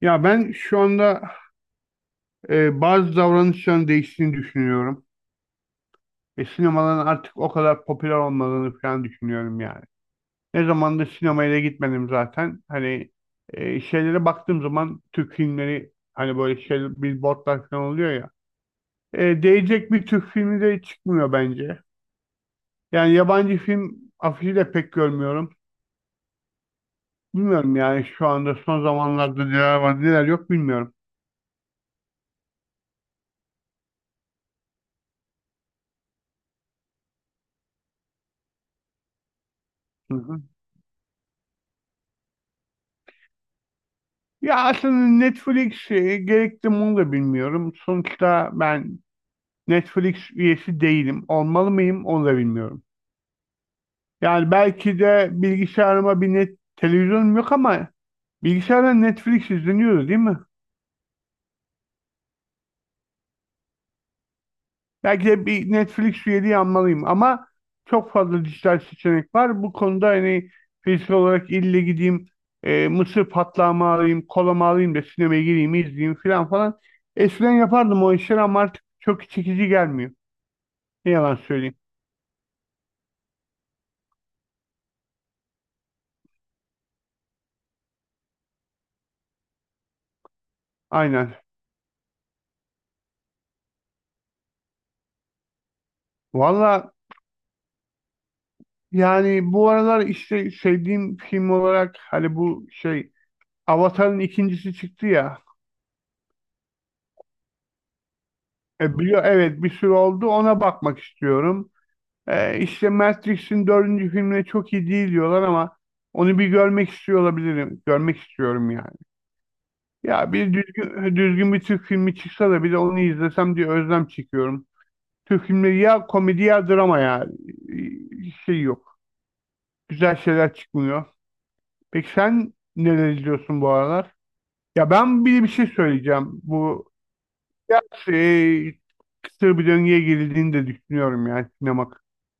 Ya ben şu anda bazı davranışların değiştiğini düşünüyorum. Ve sinemaların artık o kadar popüler olmadığını falan düşünüyorum yani. Ne zamandır sinemaya da gitmedim zaten. Hani şeylere baktığım zaman Türk filmleri hani böyle şey billboardlar falan oluyor ya. Değecek bir Türk filmi de çıkmıyor bence. Yani yabancı film afişi de pek görmüyorum. Bilmiyorum yani şu anda son zamanlarda neler var neler yok bilmiyorum. Hı hı. Ya aslında Netflix gerekli mi onu da bilmiyorum. Sonuçta ben Netflix üyesi değilim. Olmalı mıyım onu da bilmiyorum. Yani belki de bilgisayarıma bir net televizyonum yok ama bilgisayardan Netflix izleniyordu değil mi? Belki de bir Netflix üyeliği almalıyım ama çok fazla dijital seçenek var. Bu konuda hani fiziksel olarak ille gideyim, mısır patlağımı alayım, kolamı alayım da sinemaya gireyim, izleyeyim falan falan. Eskiden yapardım o işleri ama artık çok çekici gelmiyor. Ne yalan söyleyeyim. Aynen. Valla yani bu aralar işte sevdiğim film olarak hani bu şey Avatar'ın ikincisi çıktı ya. Biliyor evet bir sürü oldu ona bakmak istiyorum. İşte Matrix'in dördüncü filmine çok iyi değil diyorlar ama onu bir görmek istiyor olabilirim. Görmek istiyorum yani. Ya bir düzgün, düzgün bir Türk filmi çıksa da bir de onu izlesem diye özlem çekiyorum. Türk filmleri ya komedi ya drama ya. Şey yok. Güzel şeyler çıkmıyor. Peki sen neler izliyorsun bu aralar? Ya ben bir şey söyleyeceğim. Bu şey, kısır bir döngüye girildiğini de düşünüyorum yani sinema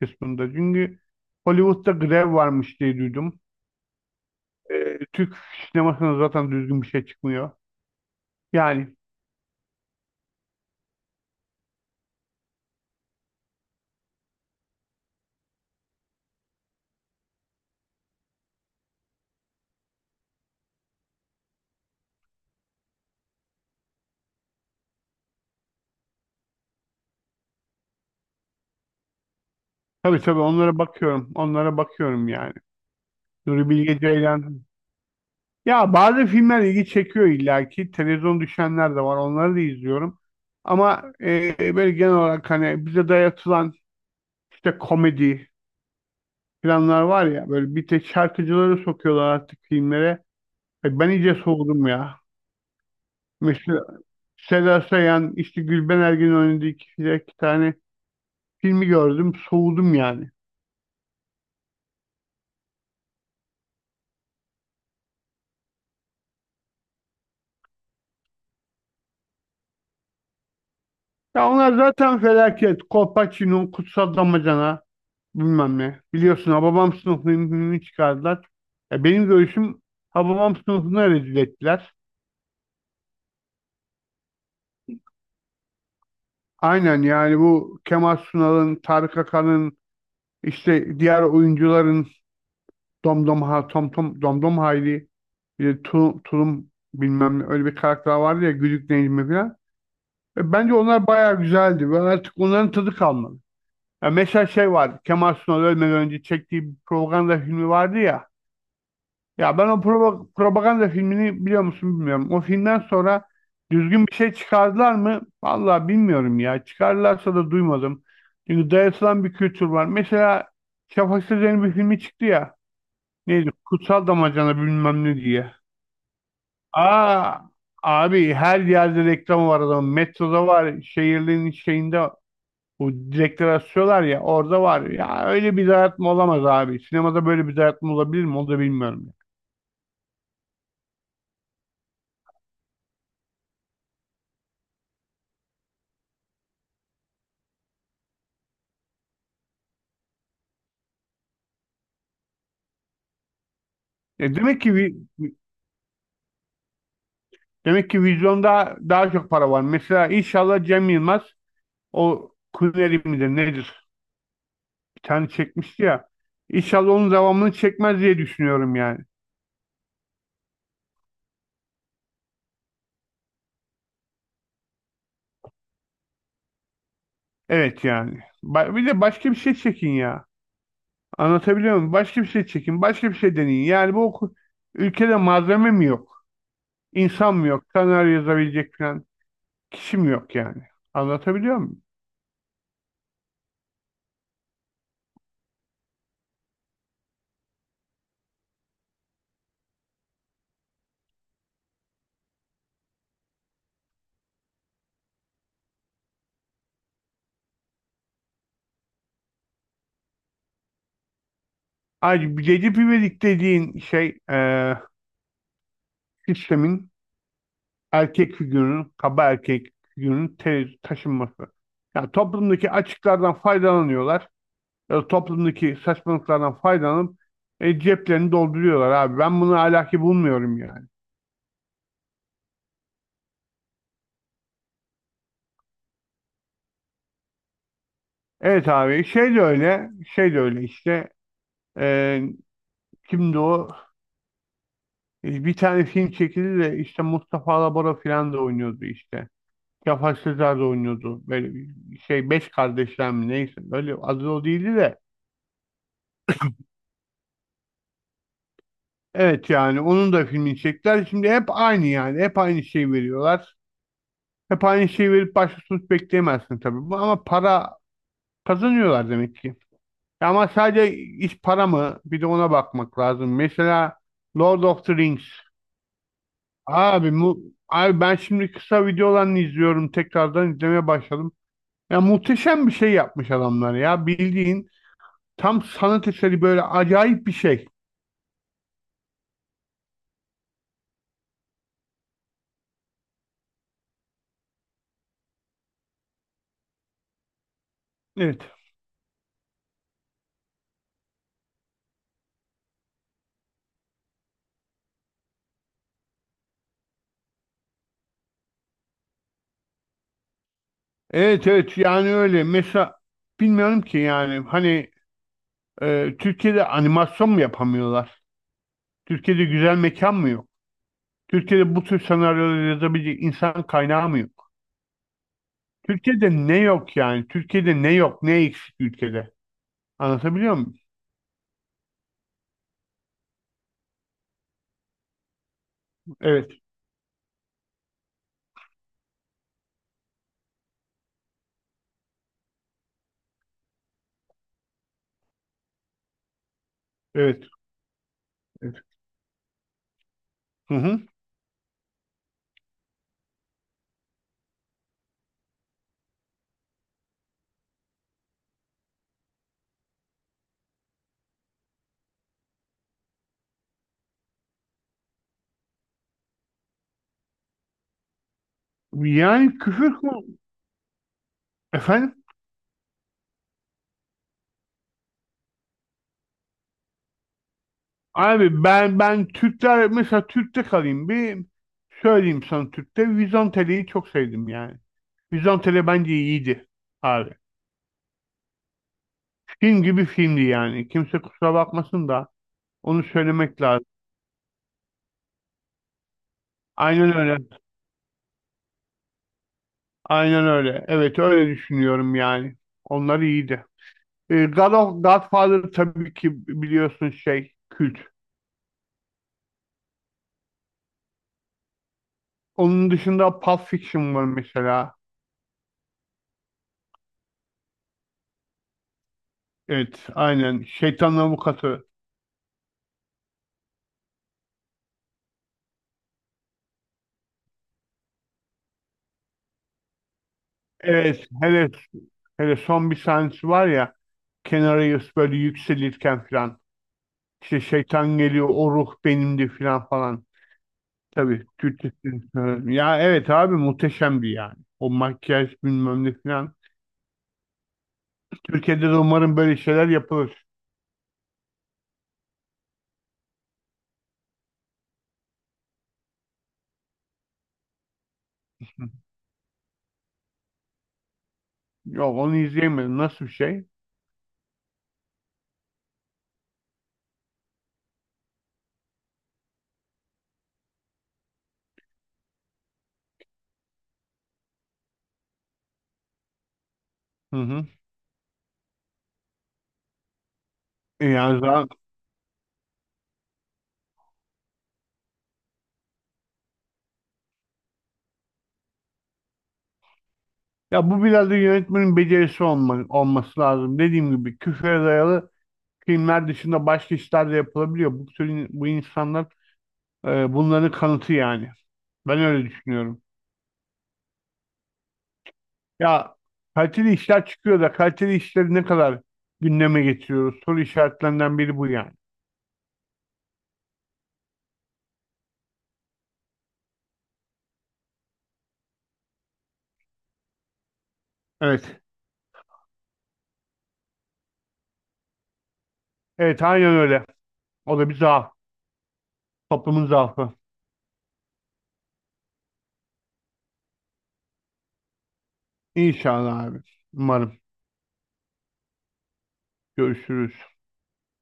kısmında. Çünkü Hollywood'da grev varmış diye duydum. Türk sinemasına zaten düzgün bir şey çıkmıyor. Yani tabii onlara bakıyorum. Onlara bakıyorum yani. Nuri Bilge Ceylan. Ya bazı filmler ilgi çekiyor illaki. Televizyon düşenler de var. Onları da izliyorum. Ama böyle genel olarak hani bize dayatılan işte komedi planlar var ya böyle bir tek şarkıcıları sokuyorlar artık filmlere. Ay ben iyice soğudum ya. Mesela Seda Sayan, işte Gülben Ergen'in oynadığı iki tane filmi gördüm. Soğudum yani. Ya onlar zaten felaket. Kolpaçino, Kutsal Damacana bilmem ne. Biliyorsun Hababam Sınıfı'nın filmini çıkardılar. Ya benim görüşüm Hababam Sınıfı'nı rezil ettiler. Aynen yani bu Kemal Sunal'ın, Tarık Akan'ın, işte diğer oyuncuların Domdom ha Tom Tom Domdom Hayri bir de Tulum bilmem ne öyle bir karakter vardı ya Güdük Necmi falan. Bence onlar bayağı güzeldi ve artık onların tadı kalmadı. Ya mesela şey vardı Kemal Sunal ölmeden önce çektiği bir propaganda filmi vardı ya. Ya ben o propaganda filmini biliyor musun bilmiyorum. O filmden sonra düzgün bir şey çıkardılar mı? Vallahi bilmiyorum ya. Çıkardılarsa da duymadım. Çünkü dayatılan bir kültür var. Mesela Şafak Sezer'in bir filmi çıktı ya. Neydi? Kutsal damacana bilmem ne diye. Aa abi her yerde reklam var adamın. Metroda var. Şehirlerin şeyinde o direkleri asıyorlar ya orada var. Ya öyle bir dayatma olamaz abi. Sinemada böyle bir dayatma olabilir mi? Onu da bilmiyorum. Ya demek ki demek ki vizyonda daha çok para var. Mesela inşallah Cem Yılmaz o Kuneri midir nedir? Bir tane çekmişti ya. İnşallah onun devamını çekmez diye düşünüyorum yani. Evet yani. Bir de başka bir şey çekin ya. Anlatabiliyor muyum? Başka bir şey çekin, başka bir şey deneyin. Yani ülkede malzeme mi yok? İnsan mı yok? Senaryo yazabilecek falan kişi mi yok yani? Anlatabiliyor muyum? Ayrıca bir Recep İvedik dediğin şey sistemin erkek figürünün, kaba erkek figürünün taşınması. Yani toplumdaki açıklardan faydalanıyorlar. Ya da toplumdaki saçmalıklardan faydalanıp ceplerini dolduruyorlar abi. Ben bunu ahlaki bulmuyorum yani. Evet abi şey de öyle, şey de öyle işte. Ee, Kimdi o? Bir tane film çekildi de işte Mustafa Alabora falan da oynuyordu işte. Cafer Sezer de oynuyordu. Böyle bir şey Beş Kardeşler mi neyse. Böyle adı o değildi de. Evet yani onun da filmini çektiler. Şimdi hep aynı yani. Hep aynı şeyi veriyorlar. Hep aynı şeyi verip başka sonuç bekleyemezsin tabii. Ama para kazanıyorlar demek ki. Ama sadece iş para mı? Bir de ona bakmak lazım. Mesela Lord of the Rings. Abi mu abi ben şimdi kısa videolarını izliyorum. Tekrardan izlemeye başladım. Ya muhteşem bir şey yapmış adamlar ya. Bildiğin tam sanat eseri böyle acayip bir şey. Evet. Evet evet yani öyle. Mesela bilmiyorum ki yani hani Türkiye'de animasyon mu yapamıyorlar? Türkiye'de güzel mekan mı yok? Türkiye'de bu tür senaryoları yazabilecek insan kaynağı mı yok? Türkiye'de ne yok yani? Türkiye'de ne yok? Ne eksik ülkede? Anlatabiliyor muyum? Evet. Evet. Evet. Hı hı. Yani efendim abi ben Türkler mesela Türk'te kalayım bir söyleyeyim sana Türk'te Vizontele'yi çok sevdim yani. Vizontele bence iyiydi abi. Film gibi filmdi yani. Kimse kusura bakmasın da onu söylemek lazım. Aynen öyle. Aynen öyle. Evet öyle düşünüyorum yani. Onlar iyiydi. God of Godfather tabii ki biliyorsun şey kült. Onun dışında Pulp Fiction var mesela. Evet aynen. Şeytanın Avukatı. Evet, hele, hele son bir sahnesi var ya kenara böyle yükselirken falan işte şeytan geliyor o ruh benimdi falan falan. Tabii Türkçesini söylüyorum. Ya evet abi muhteşemdi yani. O makyaj bilmem ne falan. Türkiye'de de umarım böyle şeyler yapılır. Yok onu izleyemedim. Nasıl bir şey? Hı hı. Yani zaten, ya bu biraz da yönetmenin olması lazım. Dediğim gibi küfre dayalı filmler dışında başka işler de yapılabiliyor. Bu tür bu insanlar bunların kanıtı yani. Ben öyle düşünüyorum. Ya kaliteli işler çıkıyor da kaliteli işleri ne kadar gündeme getiriyoruz? Soru işaretlerinden biri bu yani. Evet. Evet aynen öyle. O da bir zaaf. Toplumun zaafı. İnşallah abi. Umarım. Görüşürüz.